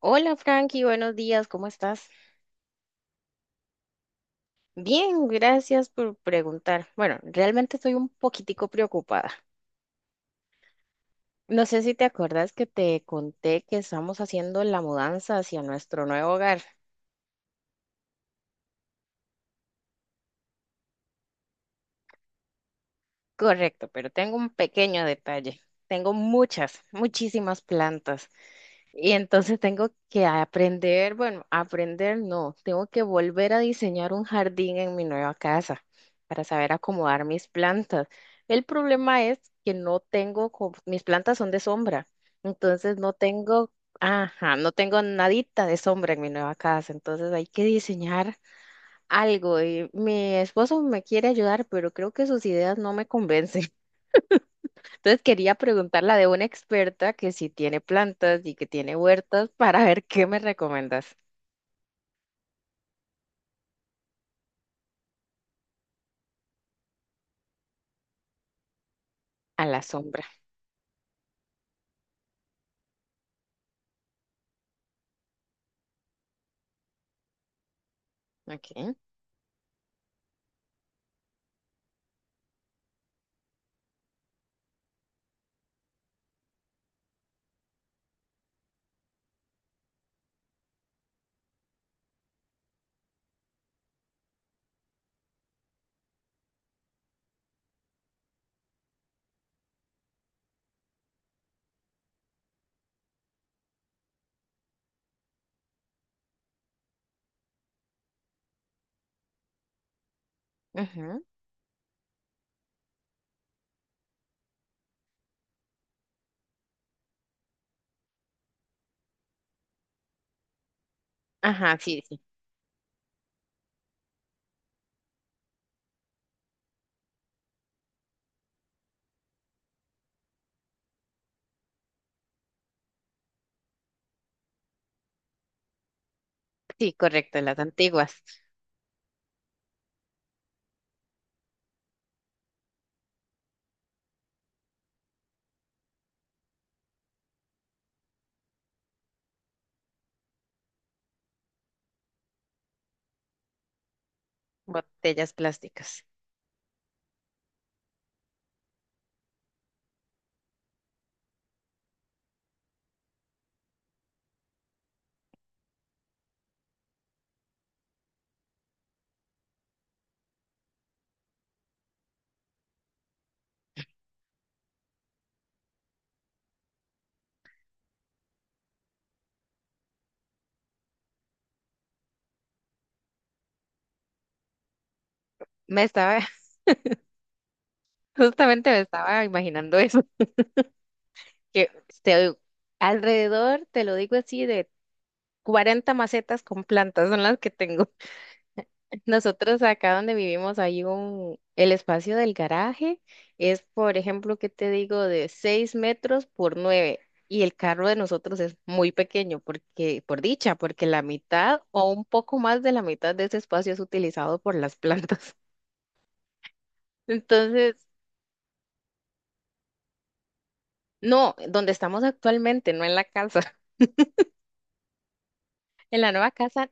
Hola Frankie, buenos días, ¿cómo estás? Bien, gracias por preguntar. Bueno, realmente estoy un poquitico preocupada. No sé si te acuerdas que te conté que estamos haciendo la mudanza hacia nuestro nuevo hogar. Correcto, pero tengo un pequeño detalle. Tengo muchas, muchísimas plantas. Y entonces tengo que aprender, bueno, aprender no, tengo que volver a diseñar un jardín en mi nueva casa para saber acomodar mis plantas. El problema es que no tengo, co- mis plantas son de sombra, entonces no tengo, ajá, no tengo nadita de sombra en mi nueva casa, entonces hay que diseñar algo y mi esposo me quiere ayudar, pero creo que sus ideas no me convencen. Entonces quería preguntarla de una experta que si tiene plantas y que tiene huertas para ver qué me recomiendas a la sombra. Ok. Ajá. Ajá, sí, sí. Sí, correcto, las antiguas botellas plásticas. Me estaba, justamente me estaba imaginando eso, que este, alrededor, te lo digo así, de 40 macetas con plantas son las que tengo. Nosotros acá donde vivimos hay un, el espacio del garaje es, por ejemplo, ¿qué te digo? De 6 metros por 9 y el carro de nosotros es muy pequeño porque, por dicha, porque la mitad o un poco más de la mitad de ese espacio es utilizado por las plantas. Entonces, no, donde estamos actualmente, no en la casa. En la nueva casa,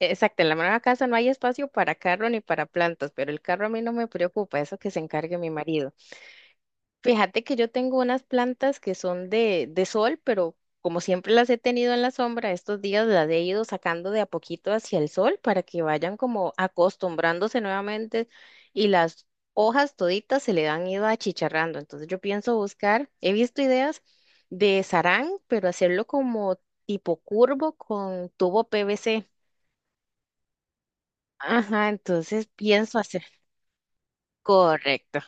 exacto, en la nueva casa no hay espacio para carro ni para plantas, pero el carro a mí no me preocupa, eso que se encargue mi marido. Fíjate que yo tengo unas plantas que son de sol, pero como siempre las he tenido en la sombra, estos días las he ido sacando de a poquito hacia el sol para que vayan como acostumbrándose nuevamente y las hojas toditas se le han ido achicharrando. Entonces yo pienso buscar, he visto ideas de sarán, pero hacerlo como tipo curvo con tubo PVC. Ajá, entonces pienso hacer. Correcto.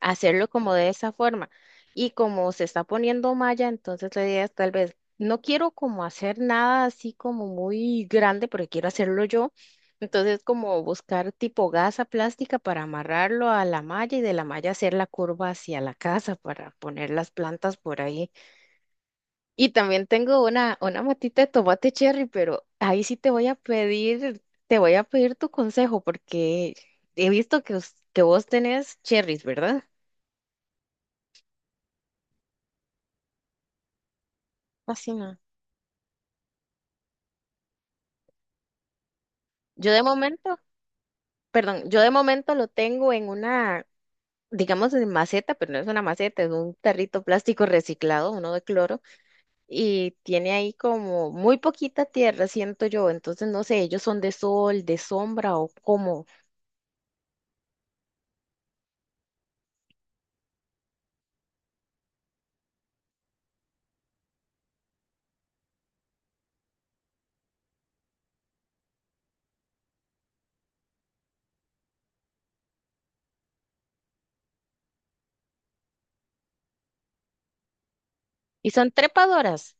Hacerlo como de esa forma. Y como se está poniendo malla, entonces la idea es tal vez, no quiero como hacer nada así como muy grande, porque quiero hacerlo yo. Entonces como buscar tipo gasa plástica para amarrarlo a la malla y de la malla hacer la curva hacia la casa para poner las plantas por ahí. Y también tengo una matita de tomate cherry, pero ahí sí te voy a pedir, te voy a pedir tu consejo porque he visto que, us- que vos tenés cherries, ¿verdad? Yo de momento, perdón, yo de momento lo tengo en una, digamos, en maceta, pero no es una maceta, es un tarrito plástico reciclado, uno de cloro, y tiene ahí como muy poquita tierra, siento yo. Entonces, no sé, ellos son de sol, de sombra o cómo. Y son trepadoras,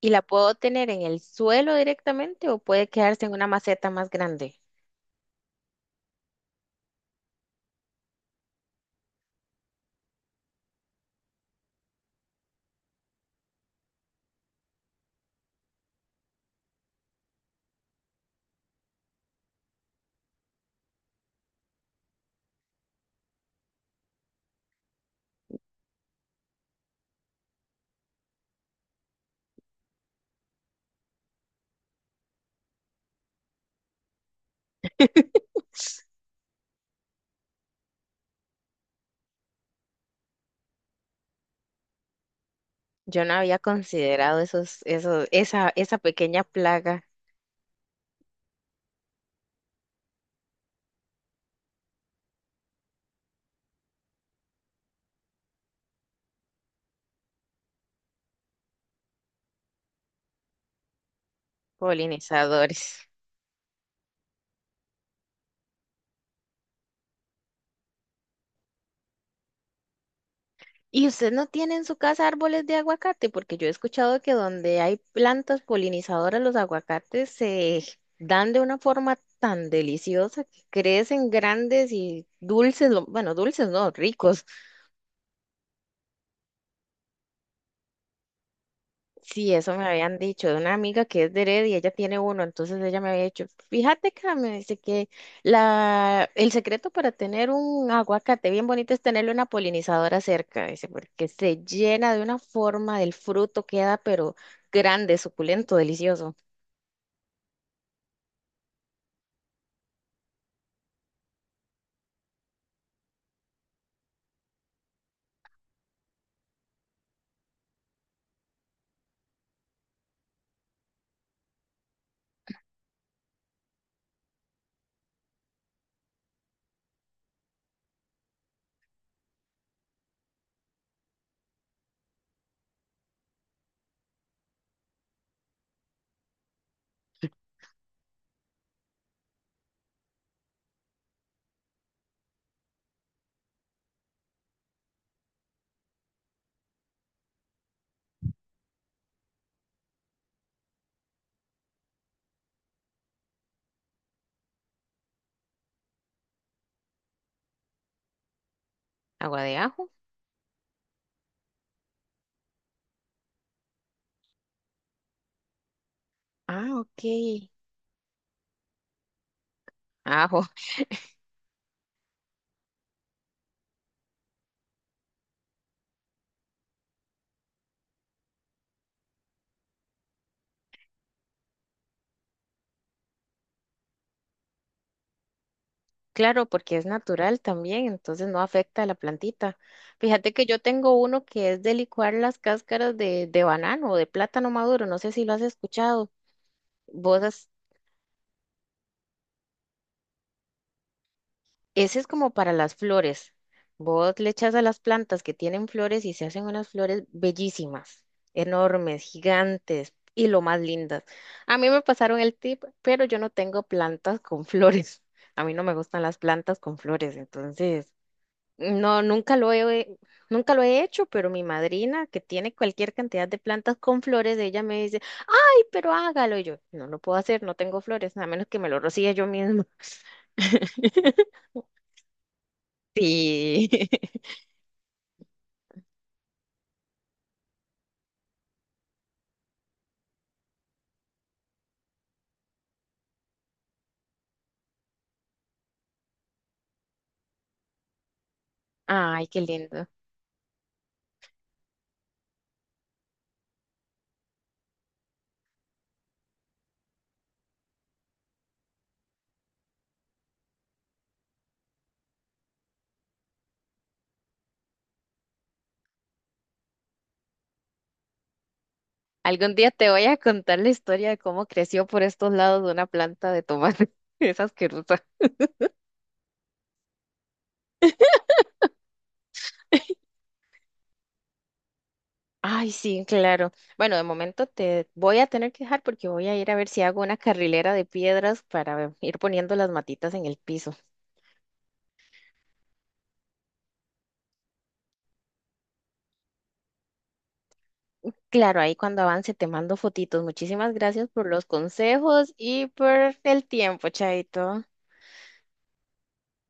y la puedo tener en el suelo directamente o puede quedarse en una maceta más grande. Yo no había considerado esos, esos, esa pequeña plaga polinizadores. ¿Y usted no tiene en su casa árboles de aguacate? Porque yo he escuchado que donde hay plantas polinizadoras, los aguacates se dan de una forma tan deliciosa que crecen grandes y dulces, lo- bueno, dulces no, ricos. Sí, eso me habían dicho de una amiga que es de Heredia, ella tiene uno, entonces ella me había dicho, fíjate que me dice que la, el secreto para tener un aguacate bien bonito es tenerle una polinizadora cerca, dice, porque se llena de una forma del fruto, queda pero grande, suculento, delicioso. Agua de ajo. Ah, ok. Ajo. Claro, porque es natural también, entonces no afecta a la plantita. Fíjate que yo tengo uno que es de licuar las cáscaras de banano o de plátano maduro, no sé si lo has escuchado. Vos, has- ese es como para las flores. Vos le echas a las plantas que tienen flores y se hacen unas flores bellísimas, enormes, gigantes y lo más lindas. A mí me pasaron el tip, pero yo no tengo plantas con flores. A mí no me gustan las plantas con flores, entonces... No, nunca lo he, nunca lo he hecho, pero mi madrina, que tiene cualquier cantidad de plantas con flores, ella me dice, ay, pero hágalo. Y yo, no lo puedo hacer, no tengo flores, a menos que me lo rocíe yo misma. Sí. Ay, qué lindo. Algún día te voy a contar la historia de cómo creció por estos lados de una planta de tomate. Es asquerosa. Ay, sí, claro. Bueno, de momento te voy a tener que dejar porque voy a ir a ver si hago una carrilera de piedras para ir poniendo las matitas en el piso. Claro, ahí cuando avance te mando fotitos. Muchísimas gracias por los consejos y por el tiempo, Chaito.